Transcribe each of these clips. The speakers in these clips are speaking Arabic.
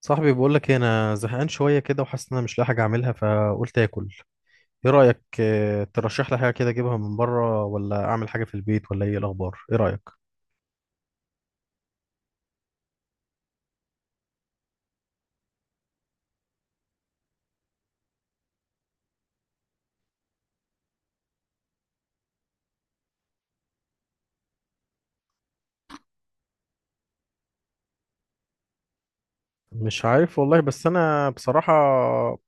صاحبي بقول لك انا زهقان شويه كده، وحاسس ان انا مش لاقي حاجه اعملها فقلت اكل. ايه رايك، ترشح لي حاجه كده اجيبها من بره، ولا اعمل حاجه في البيت، ولا ايه الاخبار؟ ايه رايك؟ مش عارف والله، بس انا بصراحه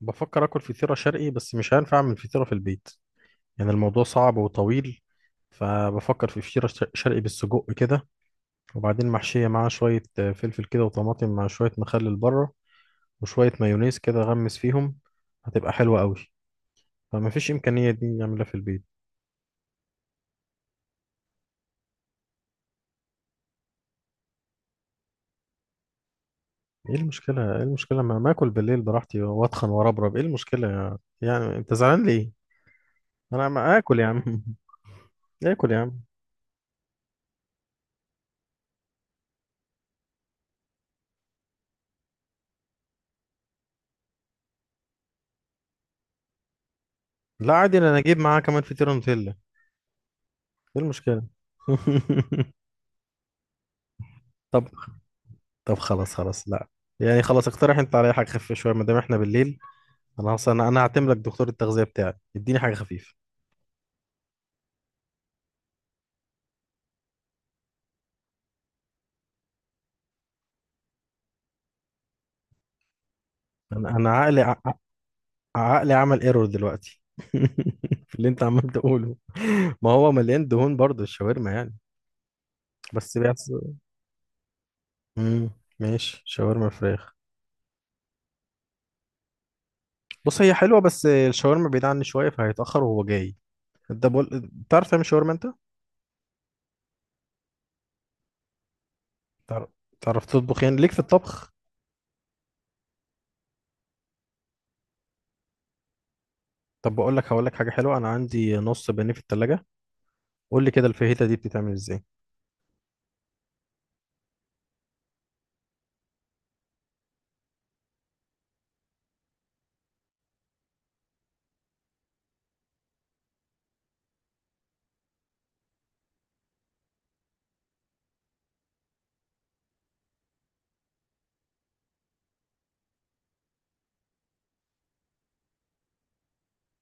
بفكر اكل فطيره شرقي، بس مش هينفع اعمل فطيره في البيت. يعني الموضوع صعب وطويل. فبفكر في فطيره شرقي بالسجق كده، وبعدين محشيه معاها شويه فلفل كده وطماطم، مع شويه مخلل بره، وشويه مايونيز كده غمس فيهم. هتبقى حلوه قوي. فما فيش امكانيه دي نعملها في البيت؟ ايه المشكلة؟ ايه المشكلة؟ ما ما اكل بالليل براحتي واتخن واربرب، ايه المشكلة يعني انت زعلان ليه؟ انا ما اكل يا عم. اكل يا عم. لا عادي، انا اجيب معاه كمان فطيرة نوتيلا. ايه المشكلة؟ طب، طب خلاص، خلاص لا. يعني خلاص، اقترح انت عليا حاجة خفيفة شوية ما دام احنا بالليل. انا اصلا، أنا هعتمد لك دكتور التغذية بتاعي، اديني حاجة خفيفة. انا عقلي عقلي عمل ايرور دلوقتي في اللي انت عمال تقوله. ما هو مليان دهون برضه الشاورما يعني. بس بس. امم ماشي، شاورما فراخ. بص، هي حلوه بس الشاورما بعيد عني شويه، فهيتاخر وهو جاي. انت بقول تعرف تعمل شاورما انت؟ تعرف تعرف تطبخ، يعني ليك في الطبخ؟ طب بقول لك، هقول لك حاجه حلوه. انا عندي نص بانيه في التلاجة. قول لي كده، الفاهيتا دي بتتعمل ازاي؟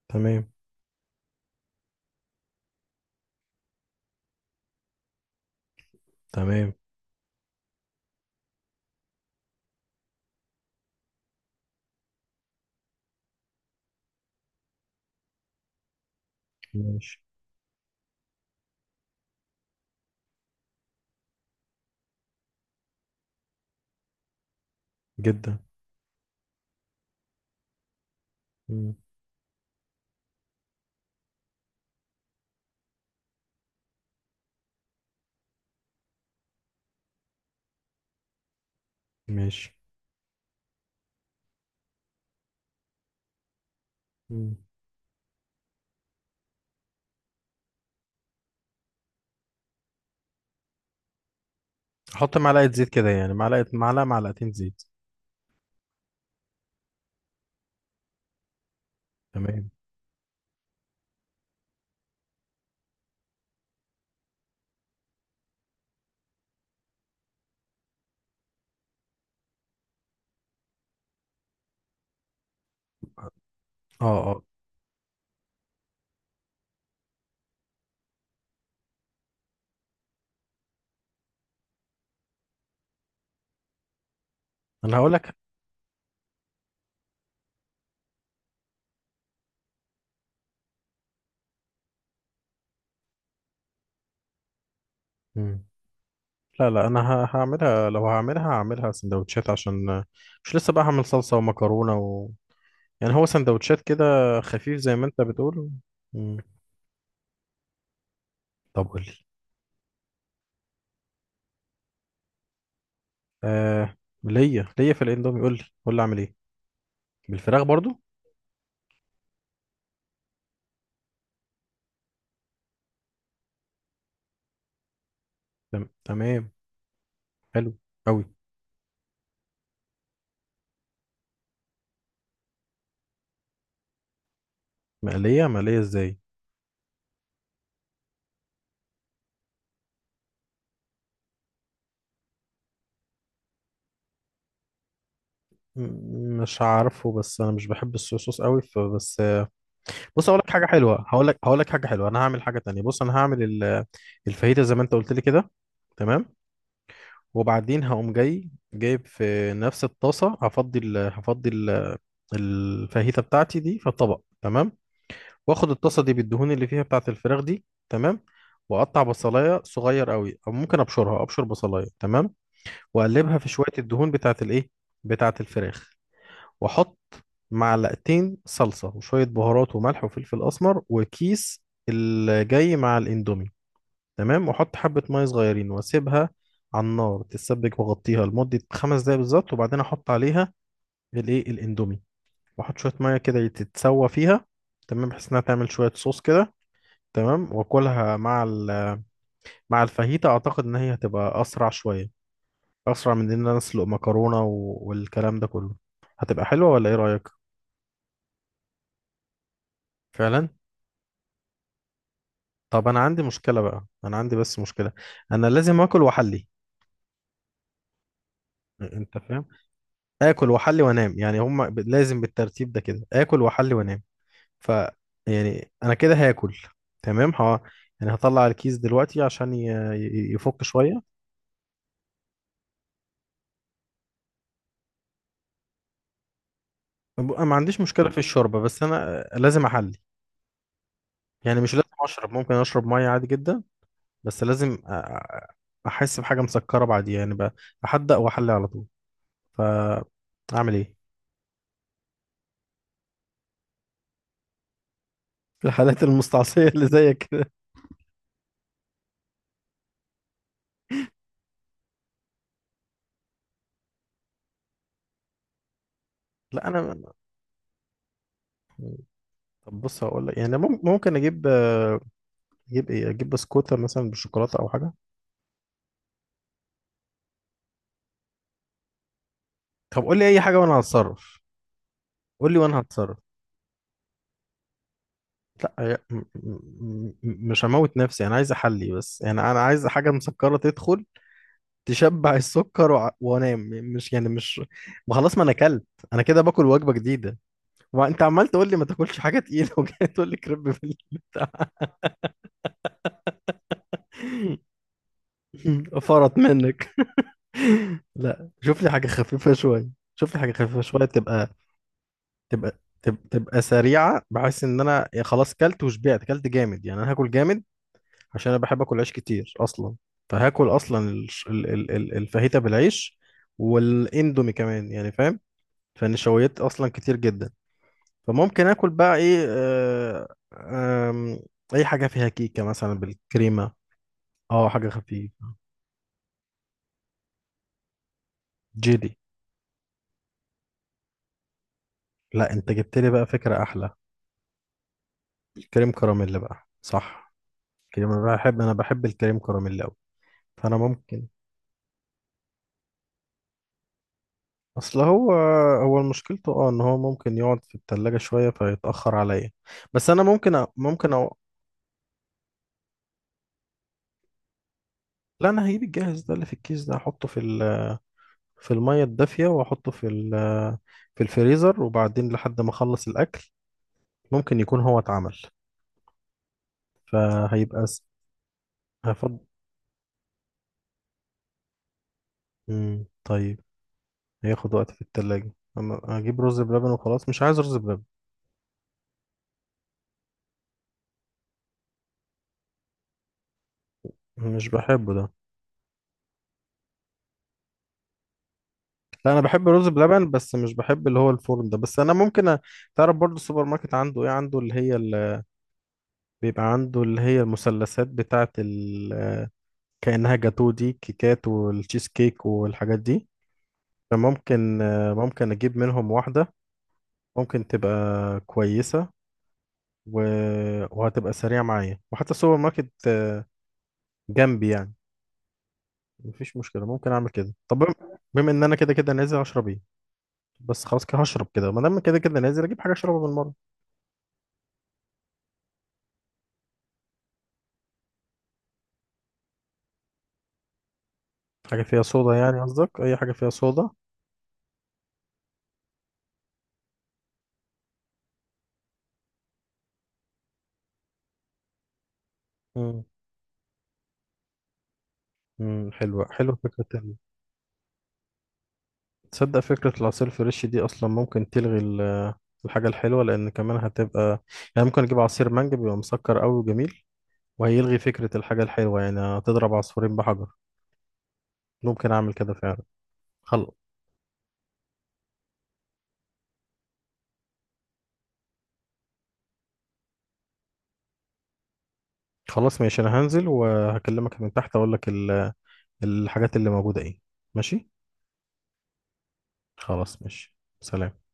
تمام. تمام. ماشي. جدا. مم. ماشي. مم. احط معلقه زيت كده، يعني معلقه، معلقه معلقتين زيت؟ تمام. اه اه، انا هقول لك. لا لا، انا هعملها. لو هعملها، هعملها سندوتشات، عشان مش لسه بقى هعمل صلصة ومكرونة و... يعني هو سندوتشات كده، خفيف زي ما انت بتقول. مم. طب قول لي. آه. ليا، في الاندومي؟ قول لي قول لي، اعمل ايه؟ بالفراخ برضو؟ تمام. حلو قوي. مقلية؟ مقلية ازاي؟ مش عارفه، بس انا مش بحب الصوص قوي فبس. بص، اقول لك حاجه حلوه. هقول لك حاجه حلوه. انا هعمل حاجه تانية. بص، انا هعمل الفاهيتا زي ما انت قلت لي كده. تمام. وبعدين هقوم جاي جايب في نفس الطاسة، هفضي ال... الفاهيتة بتاعتي دي في طبق. تمام. واخد الطاسة دي بالدهون اللي فيها بتاعة الفراخ دي. تمام. واقطع بصلاية صغير قوي، او ممكن ابشرها، ابشر بصلاية. تمام. واقلبها في شوية الدهون بتاعة الايه، بتاعة الفراخ. واحط معلقتين صلصة، وشوية بهارات وملح وفلفل اسمر، وكيس الجاي مع الاندومي. تمام. وحط حبة مية صغيرين واسيبها على النار تتسبك، وغطيها لمدة خمس دقايق بالظبط. وبعدين احط عليها الايه، الاندومي. واحط شوية مية كده تتسوى فيها. تمام، بحيث انها تعمل شوية صوص كده. تمام. واكلها مع مع الفاهيتا. اعتقد ان هي هتبقى اسرع شوية، اسرع من ان انا اسلق مكرونة والكلام ده كله. هتبقى حلوة ولا ايه رأيك؟ فعلا. طب انا عندي مشكلة بقى. انا عندي بس مشكلة، انا لازم اكل واحلي. انت فاهم؟ اكل واحلي وانام، يعني هم لازم بالترتيب ده كده، اكل واحلي وانام. ف يعني انا كده هاكل. تمام. ه... يعني هطلع الكيس دلوقتي عشان يفك شويه. ما عنديش مشكله في الشوربه، بس انا لازم احلي. يعني مش لازم اشرب، ممكن اشرب ميه عادي جدا. بس لازم احس بحاجه مسكره بعديها يعني بقى، احدق واحلي على طول. ف اعمل ايه؟ في الحالات المستعصيه اللي زيك كده؟ لا انا. طب بص، هقول لك يعني ممكن اجيب. اجيب ايه؟ اجيب بسكوتة مثلا بالشوكولاتة او حاجة؟ طب قول لي اي حاجة وانا هتصرف. قول لي وانا هتصرف. لا مش هموت نفسي، انا عايز احلي بس. يعني انا عايز حاجة مسكرة تدخل تشبع السكر وانام. مش يعني، مش ما خلاص، ما انا اكلت. انا كده باكل وجبة جديدة، وانت عمال تقول لي ما تاكلش حاجة تقيلة وجاي تقول لي كريب بالبتاع. فرط منك. لا شوف لي حاجة خفيفة شوية. شوف لي حاجة خفيفة شوية، تبقى سريعه، بحيث ان انا يا خلاص كلت وشبعت. كلت جامد يعني، انا هاكل جامد، عشان انا بحب اكل عيش كتير اصلا. فهاكل اصلا الفاهيتا بالعيش والاندومي كمان، يعني فاهم؟ فالنشويات اصلا كتير جدا. فممكن اكل بقى ايه؟ آم، اي حاجه فيها كيكه مثلا بالكريمه. اه حاجه خفيفه. جيلي؟ لا انت جبت لي بقى فكره احلى، الكريم كراميل بقى، صح. كريم، انا بحب انا بحب الكريم كراميل قوي. فانا ممكن. اصل هو، هو مشكلته اه ان هو ممكن يقعد في التلاجة شوية فيتأخر عليا. بس انا ممكن أ... ممكن أو... لا انا هجيب الجاهز ده اللي في الكيس ده، احطه في ال... في المية الدافية، واحطه في ال... في الفريزر. وبعدين لحد ما اخلص الاكل ممكن يكون هو اتعمل. فهيبقى س... هفضل. مم. طيب. هياخد وقت في التلاجة؟ اما اجيب رز بلبن، وخلاص. مش عايز رز بلبن، مش بحبه ده. لا انا بحب الرز بلبن، بس مش بحب اللي هو الفرن ده. بس انا ممكن أ... تعرف برضو السوبر ماركت عنده ايه؟ عنده اللي هي ال... بيبقى عنده اللي هي المثلثات بتاعه ال... كأنها جاتو، دي كيكات والتشيز كيك والحاجات دي. فممكن ممكن اجيب منهم واحدة. ممكن تبقى كويسة و... وهتبقى سريعة معايا. وحتى السوبر ماركت جنبي يعني، مفيش مشكلة. ممكن اعمل كده. طب بما ان انا كده كده نازل اشرب ايه، بس خلاص كده هشرب كده ما دام كده كده نازل، اجيب حاجة اشربها بالمرة. حاجة فيها صودا يعني؟ قصدك أي حاجة فيها صودا؟ مم. مم. حلوة، حلوة فكرة تانية. تصدق فكرة العصير الفريش دي أصلا ممكن تلغي الحاجة الحلوة، لأن كمان هتبقى يعني، ممكن أجيب عصير مانجا بيبقى مسكر أوي وجميل، وهيلغي فكرة الحاجة الحلوة. يعني هتضرب عصفورين بحجر. ممكن أعمل كده فعلا. خل... خلاص ماشي، أنا هنزل وهكلمك من تحت، أقول لك الحاجات اللي موجودة إيه. ماشي. خلاص ماشي، سلام.